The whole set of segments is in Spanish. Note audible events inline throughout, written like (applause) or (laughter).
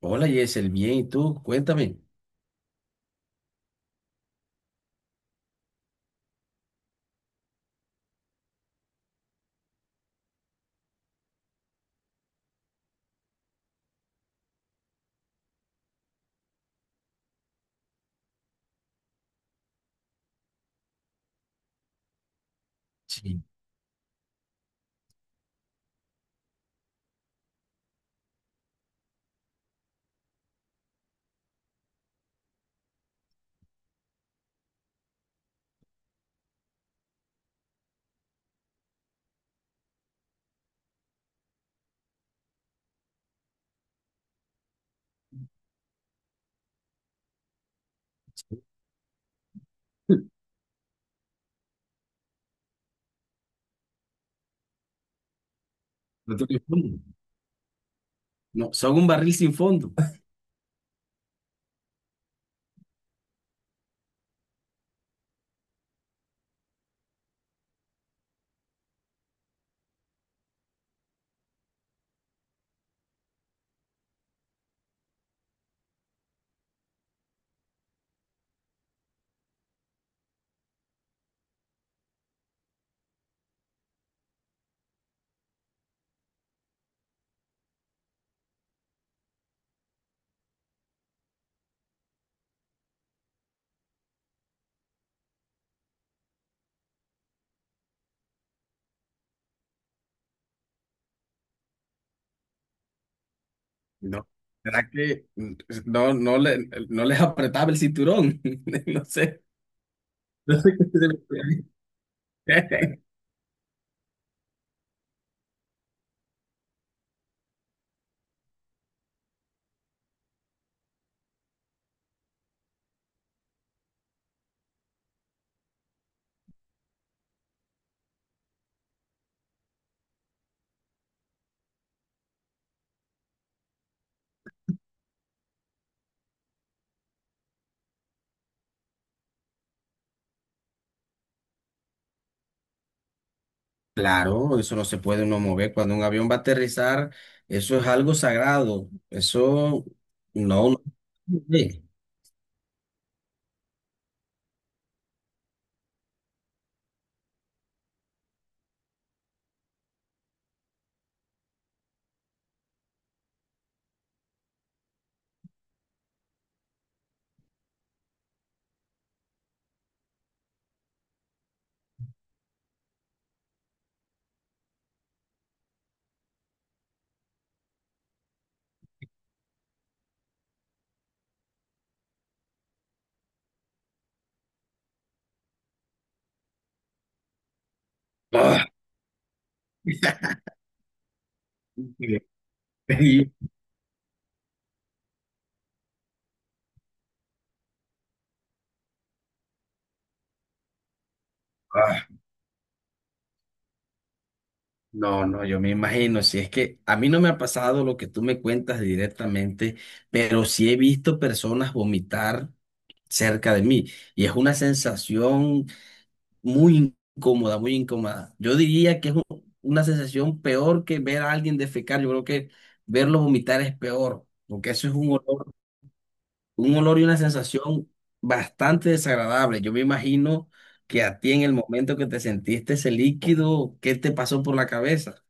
Hola Yesel, bien, ¿y tú? Cuéntame. Sí. (laughs) No tiene fondo. No, son un barril sin fondo. No, ¿será que no, no, no les apretaba el cinturón? (laughs) No sé. ¿No sé qué se me ocurre? (laughs) Claro, eso no se puede uno mover. Cuando un avión va a aterrizar, eso es algo sagrado. Eso no, no. Sí. Ah, (laughs) sí. Ah. No, no, yo me imagino, si es que a mí no me ha pasado lo que tú me cuentas directamente, pero sí he visto personas vomitar cerca de mí y es una sensación muy incómoda, muy incómoda. Yo diría que es una sensación peor que ver a alguien defecar, yo creo que verlo vomitar es peor, porque eso es un olor y una sensación bastante desagradable. Yo me imagino que a ti en el momento que te sentiste ese líquido, ¿qué te pasó por la cabeza?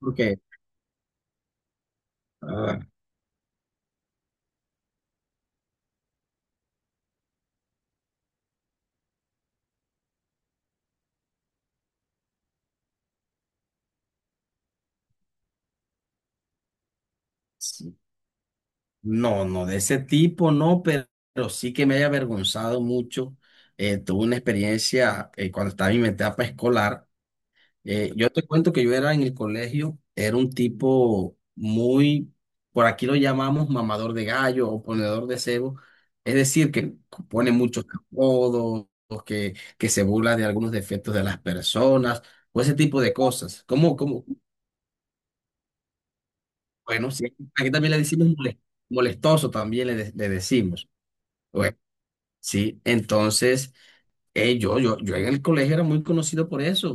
Porque sí. No, no de ese tipo, no, pero sí que me haya avergonzado mucho. Tuve una experiencia cuando estaba en mi etapa escolar. Yo te cuento que yo era en el colegio, era un tipo muy, por aquí lo llamamos mamador de gallo o ponedor de cebo, es decir, que pone muchos apodos, que se burla de algunos defectos de las personas, o ese tipo de cosas. Bueno, sí, aquí también le decimos molestoso, también le decimos. Bueno, sí, entonces yo en el colegio era muy conocido por eso,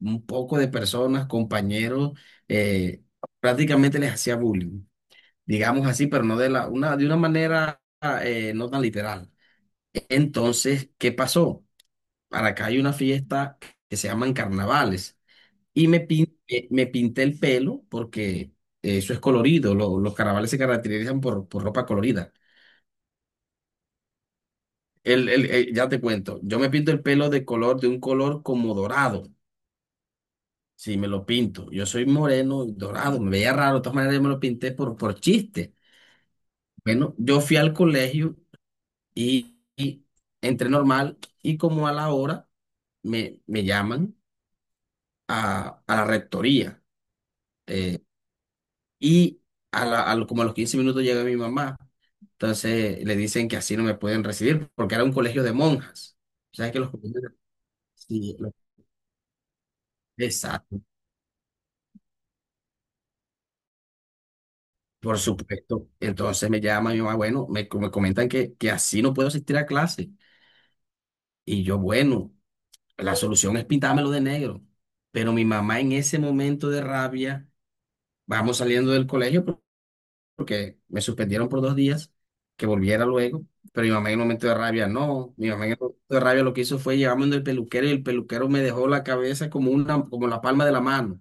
un poco de personas, compañeros, eh, prácticamente les hacía bullying, digamos así, pero no de una manera no tan literal. Entonces, ¿qué pasó? Para acá hay una fiesta que se llaman carnavales y me pinté el pelo porque eso es colorido, los carnavales se caracterizan por ropa colorida. Ya te cuento, yo me pinto el pelo de color, de un color como dorado, si me lo pinto. Yo soy moreno, y dorado, me veía raro, de todas maneras yo me lo pinté por chiste. Bueno, yo fui al colegio y entré normal y como a la hora me llaman a la rectoría eh, y a la- a lo- como a los 15 minutos llega mi mamá. Entonces le dicen que así no me pueden recibir porque era un colegio de monjas. O sea que los colegios- Sí, exacto. Por supuesto. Entonces me llama mi mamá, bueno, me comentan que así no puedo asistir a clase. Y yo, bueno, la solución es pintármelo de negro. Pero mi mamá en ese momento de rabia, vamos saliendo del colegio porque me suspendieron por 2 días, que volviera luego. Pero mi mamá en el momento de rabia, no. Mi mamá en el momento de rabia lo que hizo fue llevarme donde el peluquero y el peluquero me dejó la cabeza como una, como la palma de la mano.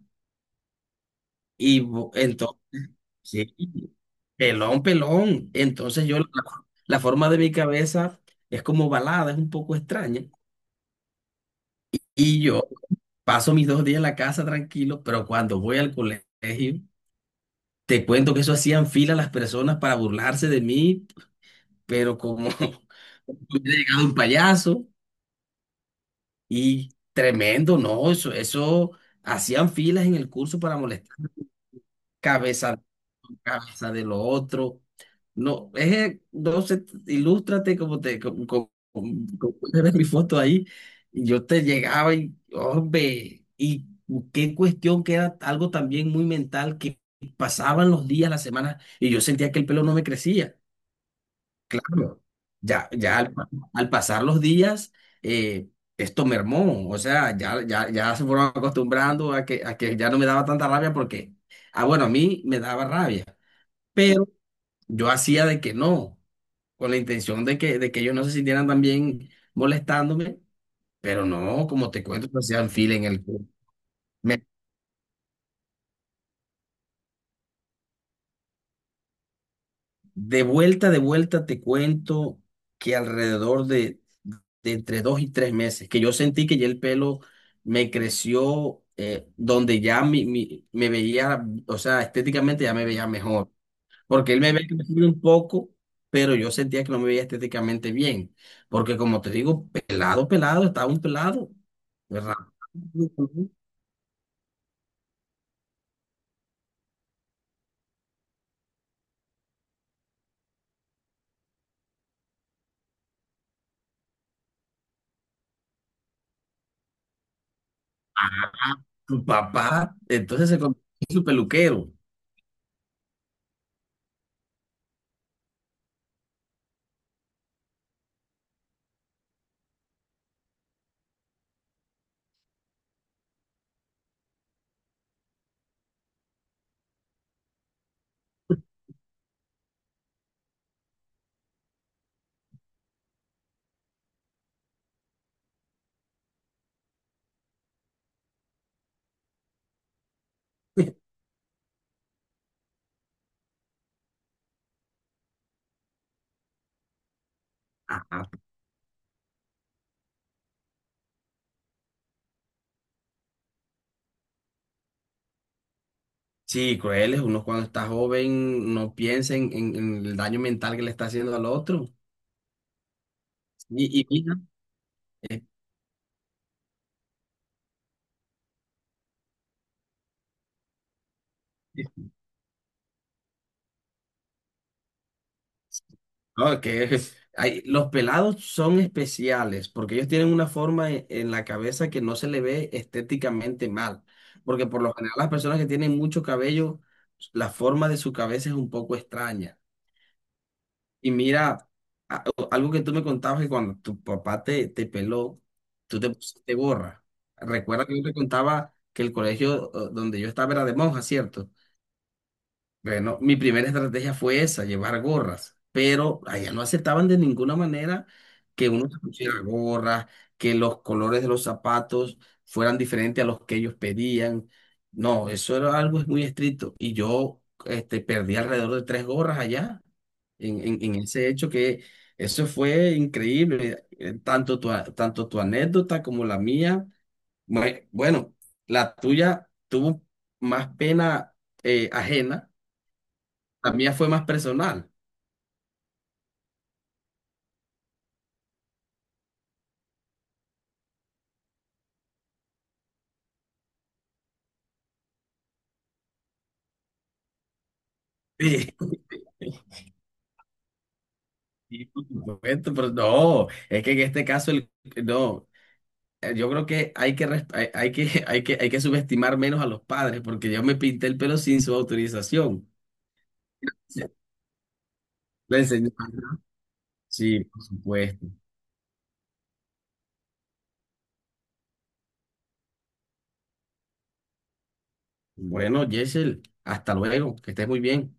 Entonces sí, pelón, pelón. Entonces yo, la forma de mi cabeza es como balada, es un poco extraña. Y yo paso mis 2 días en la casa tranquilo, pero cuando voy al colegio, te cuento que eso hacían fila las personas para burlarse de mí, pero como (laughs) hubiera llegado un payaso y tremendo, no, eso hacían filas en el curso para molestar. Cabeza casa de lo otro. No, es, no sé, ilústrate como te, como, como- como- (laughs) como puedes ver mi foto ahí. Y yo te llegaba y, hombre, y qué cuestión que era algo también muy mental que pasaban los días, las semanas, y yo sentía que el pelo no me crecía. Claro, ya al pasar los días, eh, esto mermó, o sea, ya se fueron acostumbrando a que ya no me daba tanta rabia porque, ah, bueno, a mí me daba rabia yo hacía de que no, con la intención de que ellos no se sintieran también molestándome, pero no, como te cuento, pues, hacían fila en el. me- De vuelta, te cuento que alrededor de entre 2 y 3 meses, que yo sentí que ya el pelo me creció, donde ya me veía, o sea, estéticamente ya me veía mejor. Porque él me había crecido un poco, pero yo sentía que no me veía estéticamente bien, porque como te digo, pelado, pelado, estaba un pelado, ¿verdad? Tu papá, entonces se convirtió en su peluquero. (laughs) Ajá. Sí, cruel es uno cuando está joven, no piensa en el daño mental que le está haciendo al otro. Y mira, no, los pelados son especiales porque ellos tienen una forma en la cabeza que no se le ve estéticamente mal. Porque por lo general las personas que tienen mucho cabello, la forma de su cabeza es un poco extraña. Y mira, a- algo que tú me contabas que cuando tu papá te peló, tú te pusiste gorra. Recuerda que yo te contaba que el colegio donde yo estaba era de monjas, ¿cierto? Bueno, mi primera estrategia fue esa, llevar gorras, pero allá no aceptaban de ninguna manera que uno se pusiera gorras, que los colores de los zapatos fueran diferentes a los que ellos pedían. No, eso era algo muy estricto. Y yo, perdí alrededor de tres gorras allá en ese hecho que eso fue increíble. Tanto tu anécdota como la mía. Bueno, la tuya tuvo más pena ajena. La mía fue más personal. Sí, (laughs) sí, por supuesto, pero no, es que en este caso, no, yo creo que hay que, res- hay que, (laughs) hay que subestimar menos a los padres, porque yo me pinté el pelo sin su autorización. Sí. Le enseñé- Sí, por supuesto. Bueno, Yesel, hasta luego, que estés muy bien.